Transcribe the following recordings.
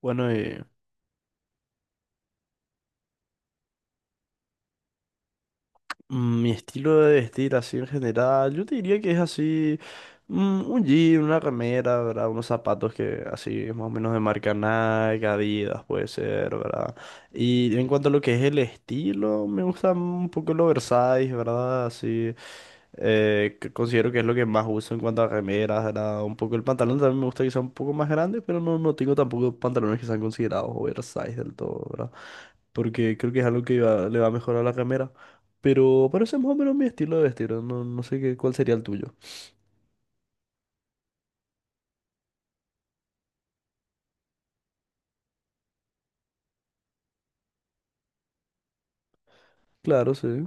Bueno, mi estilo de vestir así en general, yo te diría que es así, un jean, una remera, ¿verdad? Unos zapatos que así más o menos de marca Nike, Adidas puede ser, ¿verdad? Y en cuanto a lo que es el estilo, me gusta un poco el oversize, ¿verdad? Así, que considero que es lo que más uso en cuanto a remeras, ¿verdad? Un poco el pantalón también me gusta que sea un poco más grande, pero no, no tengo tampoco pantalones que sean considerados oversize del todo, ¿verdad? Porque creo que es algo le va a mejorar a la remera. Pero parece más o menos mi estilo de vestir, no, no sé qué, cuál sería el tuyo. Claro, sí,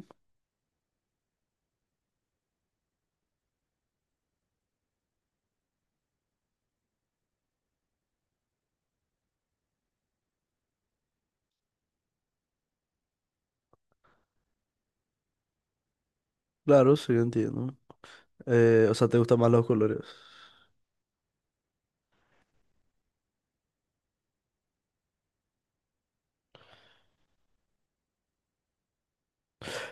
claro, sí, entiendo. O sea, ¿te gustan más los colores?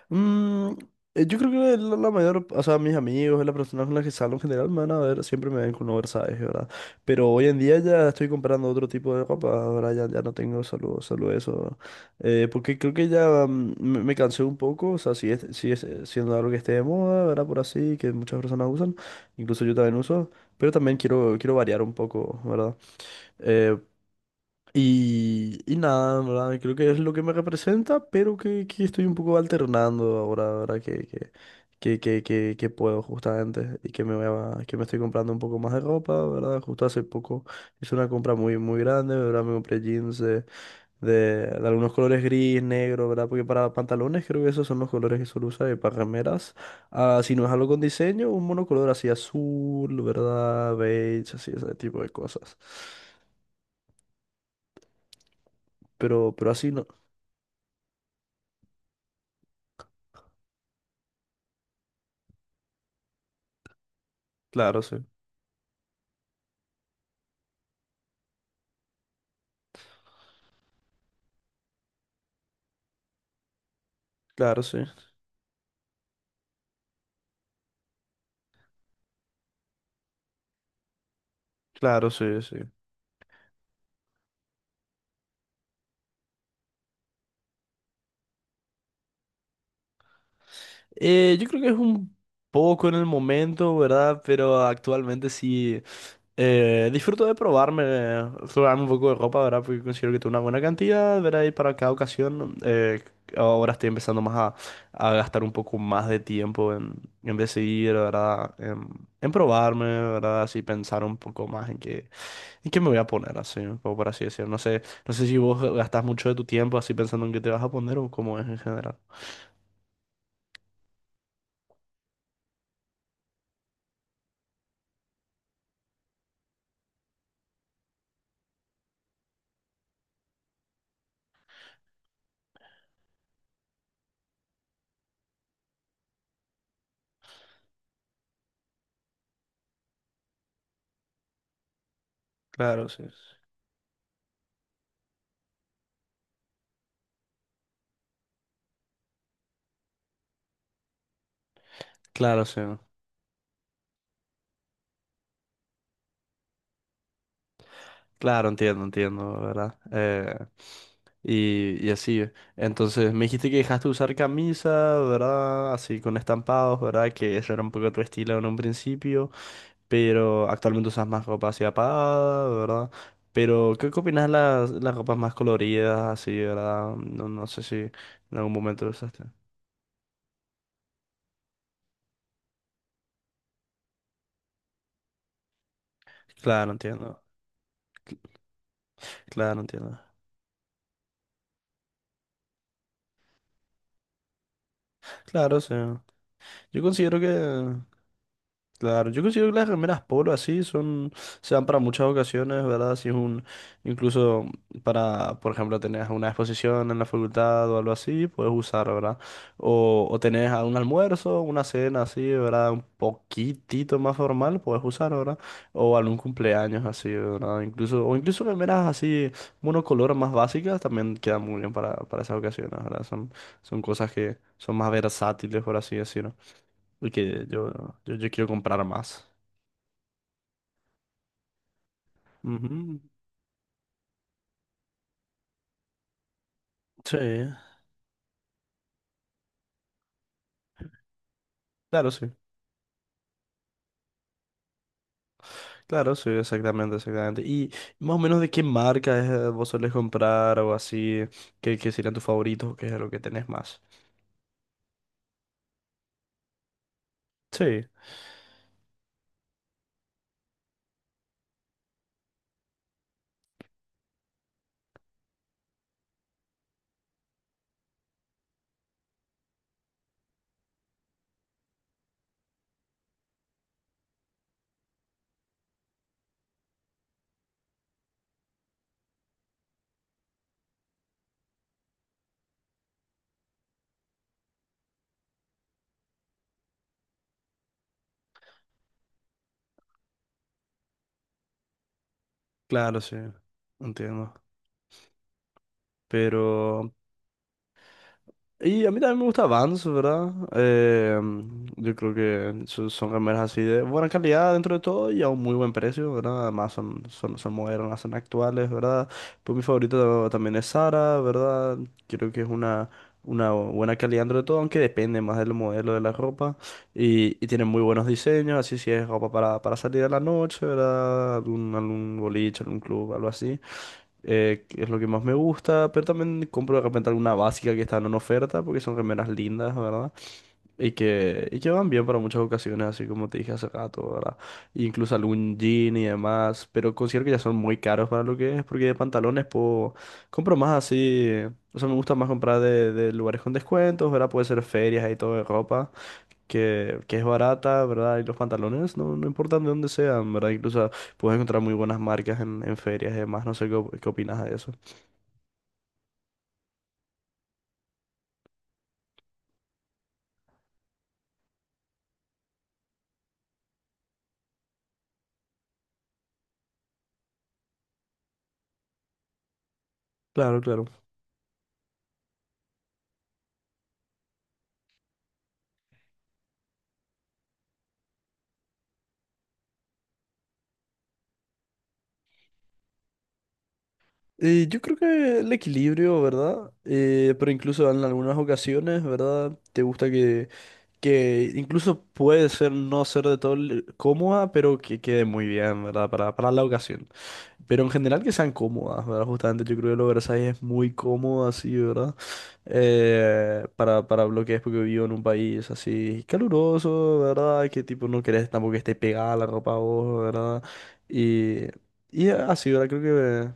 Mm, yo creo que la mayor, o sea, mis amigos, las personas con las que salgo en general me van a ver, siempre me ven con oversize, ¿verdad? Pero hoy en día ya estoy comprando otro tipo de ropa, ahora ya, ya no tengo solo eso. Porque creo que ya me cansé un poco, o sea, si es siendo algo que esté de moda, ¿verdad? Por así, que muchas personas usan, incluso yo también uso, pero también quiero, quiero variar un poco, ¿verdad? Eh, y nada, ¿verdad? Creo que es lo que me representa, pero que estoy un poco alternando ahora, ¿verdad? Que puedo justamente y que que me estoy comprando un poco más de ropa, ¿verdad? Justo hace poco hice una compra muy, muy grande, ¿verdad? Me compré jeans de algunos colores gris, negro, ¿verdad? Porque para pantalones creo que esos son los colores que suelo usar y para remeras, ah, si no es algo con diseño, un monocolor así azul, ¿verdad? Beige, así, ese tipo de cosas. Pero así no. Claro, sí. Claro, sí. Claro, sí, sí. Yo creo que es un poco en el momento, ¿verdad? Pero actualmente sí disfruto de probarme, probarme un poco de ropa, ¿verdad? Porque considero que tengo una buena cantidad, ¿verdad? Y para cada ocasión, ahora estoy empezando más a gastar un poco más de tiempo en decidir, ¿verdad? En probarme, ¿verdad? Así pensar un poco más en qué me voy a poner, así, un poco por así decirlo. No sé, no sé si vos gastas mucho de tu tiempo así pensando en qué te vas a poner o cómo es en general. Claro, sí. Claro, sí. Claro, entiendo, entiendo, ¿verdad? Y así. Entonces, me dijiste que dejaste de usar camisa, ¿verdad? Así con estampados, ¿verdad? Que eso era un poco tu estilo en un principio, pero actualmente usas más ropa así apagada, ¿verdad? Pero, ¿qué, qué opinas de las ropas más coloridas, así, ¿verdad? No, no sé si en algún momento lo usaste. Claro, entiendo. Claro, entiendo. Claro, sí. Yo considero que claro, yo considero que las remeras polo así son, se dan para muchas ocasiones, ¿verdad? Si es un, incluso para, por ejemplo, tenés una exposición en la facultad o algo así, puedes usar, ¿verdad? O tenés a un almuerzo, una cena así, ¿verdad? Un poquitito más formal, puedes usar, ¿verdad? O algún cumpleaños así, ¿verdad? Incluso, o incluso remeras así, monocolor más básicas, también quedan muy bien para esas ocasiones, ¿verdad? Son, son cosas que son más versátiles, por así decirlo. Porque yo quiero comprar más. Ujú. Sí, claro, sí. Claro, sí, exactamente, exactamente. ¿Y más o menos de qué marca es, vos solés comprar o así? ¿Qué, qué serían tus favoritos? ¿Qué es lo que tenés más? Sí, claro, sí. Entiendo. Pero y a mí también me gusta Vans, ¿verdad? Yo creo que son remeras así de buena calidad dentro de todo y a un muy buen precio, ¿verdad? Además son, son, son modernas, son actuales, ¿verdad? Pues mi favorito también es Zara, ¿verdad? Creo que es una buena calidad dentro de todo, aunque depende más del modelo de la ropa. Y tiene muy buenos diseños, así si es ropa para salir a la noche, ¿verdad? Algún, algún boliche, algún club, algo así que es lo que más me gusta, pero también compro de repente alguna básica que están en oferta, porque son remeras lindas, ¿verdad? Y que van bien para muchas ocasiones, así como te dije hace rato, ¿verdad? Incluso algún jean y demás, pero considero que ya son muy caros para lo que es, porque de pantalones puedo, compro más así, o sea, me gusta más comprar de lugares con descuentos, ¿verdad? Puede ser ferias y todo de ropa, que es barata, ¿verdad? Y los pantalones, no, no importan de dónde sean, ¿verdad? Incluso... puedes encontrar muy buenas marcas en ferias y demás. No sé qué, qué opinas de eso. Claro, claro. Yo creo que el equilibrio, ¿verdad? Pero incluso en algunas ocasiones, ¿verdad? Te gusta que incluso puede ser no ser de todo cómoda, pero que quede muy bien, ¿verdad? Para la ocasión. Pero en general que sean cómodas, ¿verdad? Justamente yo creo que el oversize es muy cómodo así, ¿verdad? Para bloques, porque vivo en un país así caluroso, ¿verdad? Que tipo no querés tampoco que esté pegada la ropa a vos, ¿verdad? Y, y así, ¿verdad?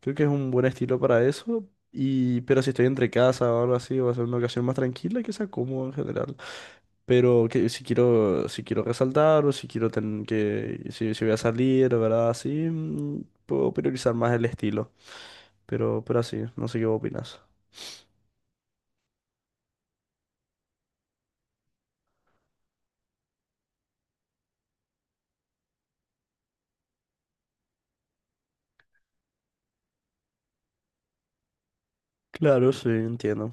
Creo que es un buen estilo para eso. Y, pero si estoy entre casa o algo así, va a ser una ocasión más tranquila y que sea cómodo en general. Pero que si quiero, si quiero resaltar o si quiero tener que, si, si voy a salir, ¿verdad? Así, puedo priorizar más el estilo. Pero así, no sé qué opinas. Claro, sí, entiendo.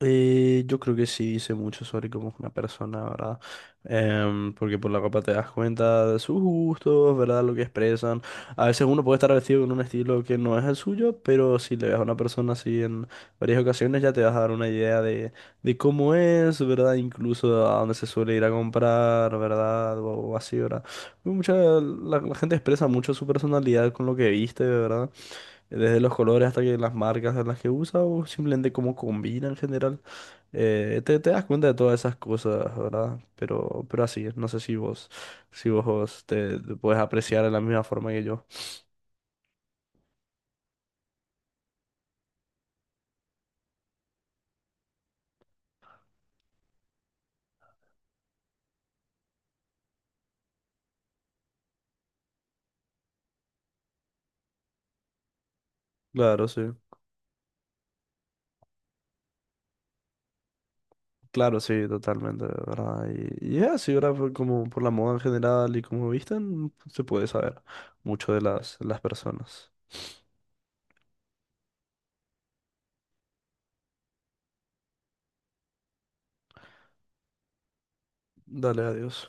Yo creo que sí dice mucho sobre cómo es una persona, ¿verdad? Porque por la ropa te das cuenta de sus gustos, ¿verdad? Lo que expresan. A veces uno puede estar vestido con un estilo que no es el suyo, pero si le ves a una persona así en varias ocasiones ya te vas a dar una idea de cómo es, ¿verdad? Incluso a dónde se suele ir a comprar, ¿verdad? O así, ¿verdad? Mucha, la gente expresa mucho su personalidad con lo que viste, ¿verdad? Desde los colores hasta que las marcas en las que usa o simplemente cómo combina en general. Te das cuenta de todas esas cosas, ¿verdad? Pero así, es, no sé si vos, si vos te puedes apreciar de la misma forma que yo. Claro, sí. Claro, sí, totalmente, ¿verdad? Y es así, ¿verdad? Por- como por la moda en general y cómo visten, se puede saber mucho de las personas. Dale, adiós.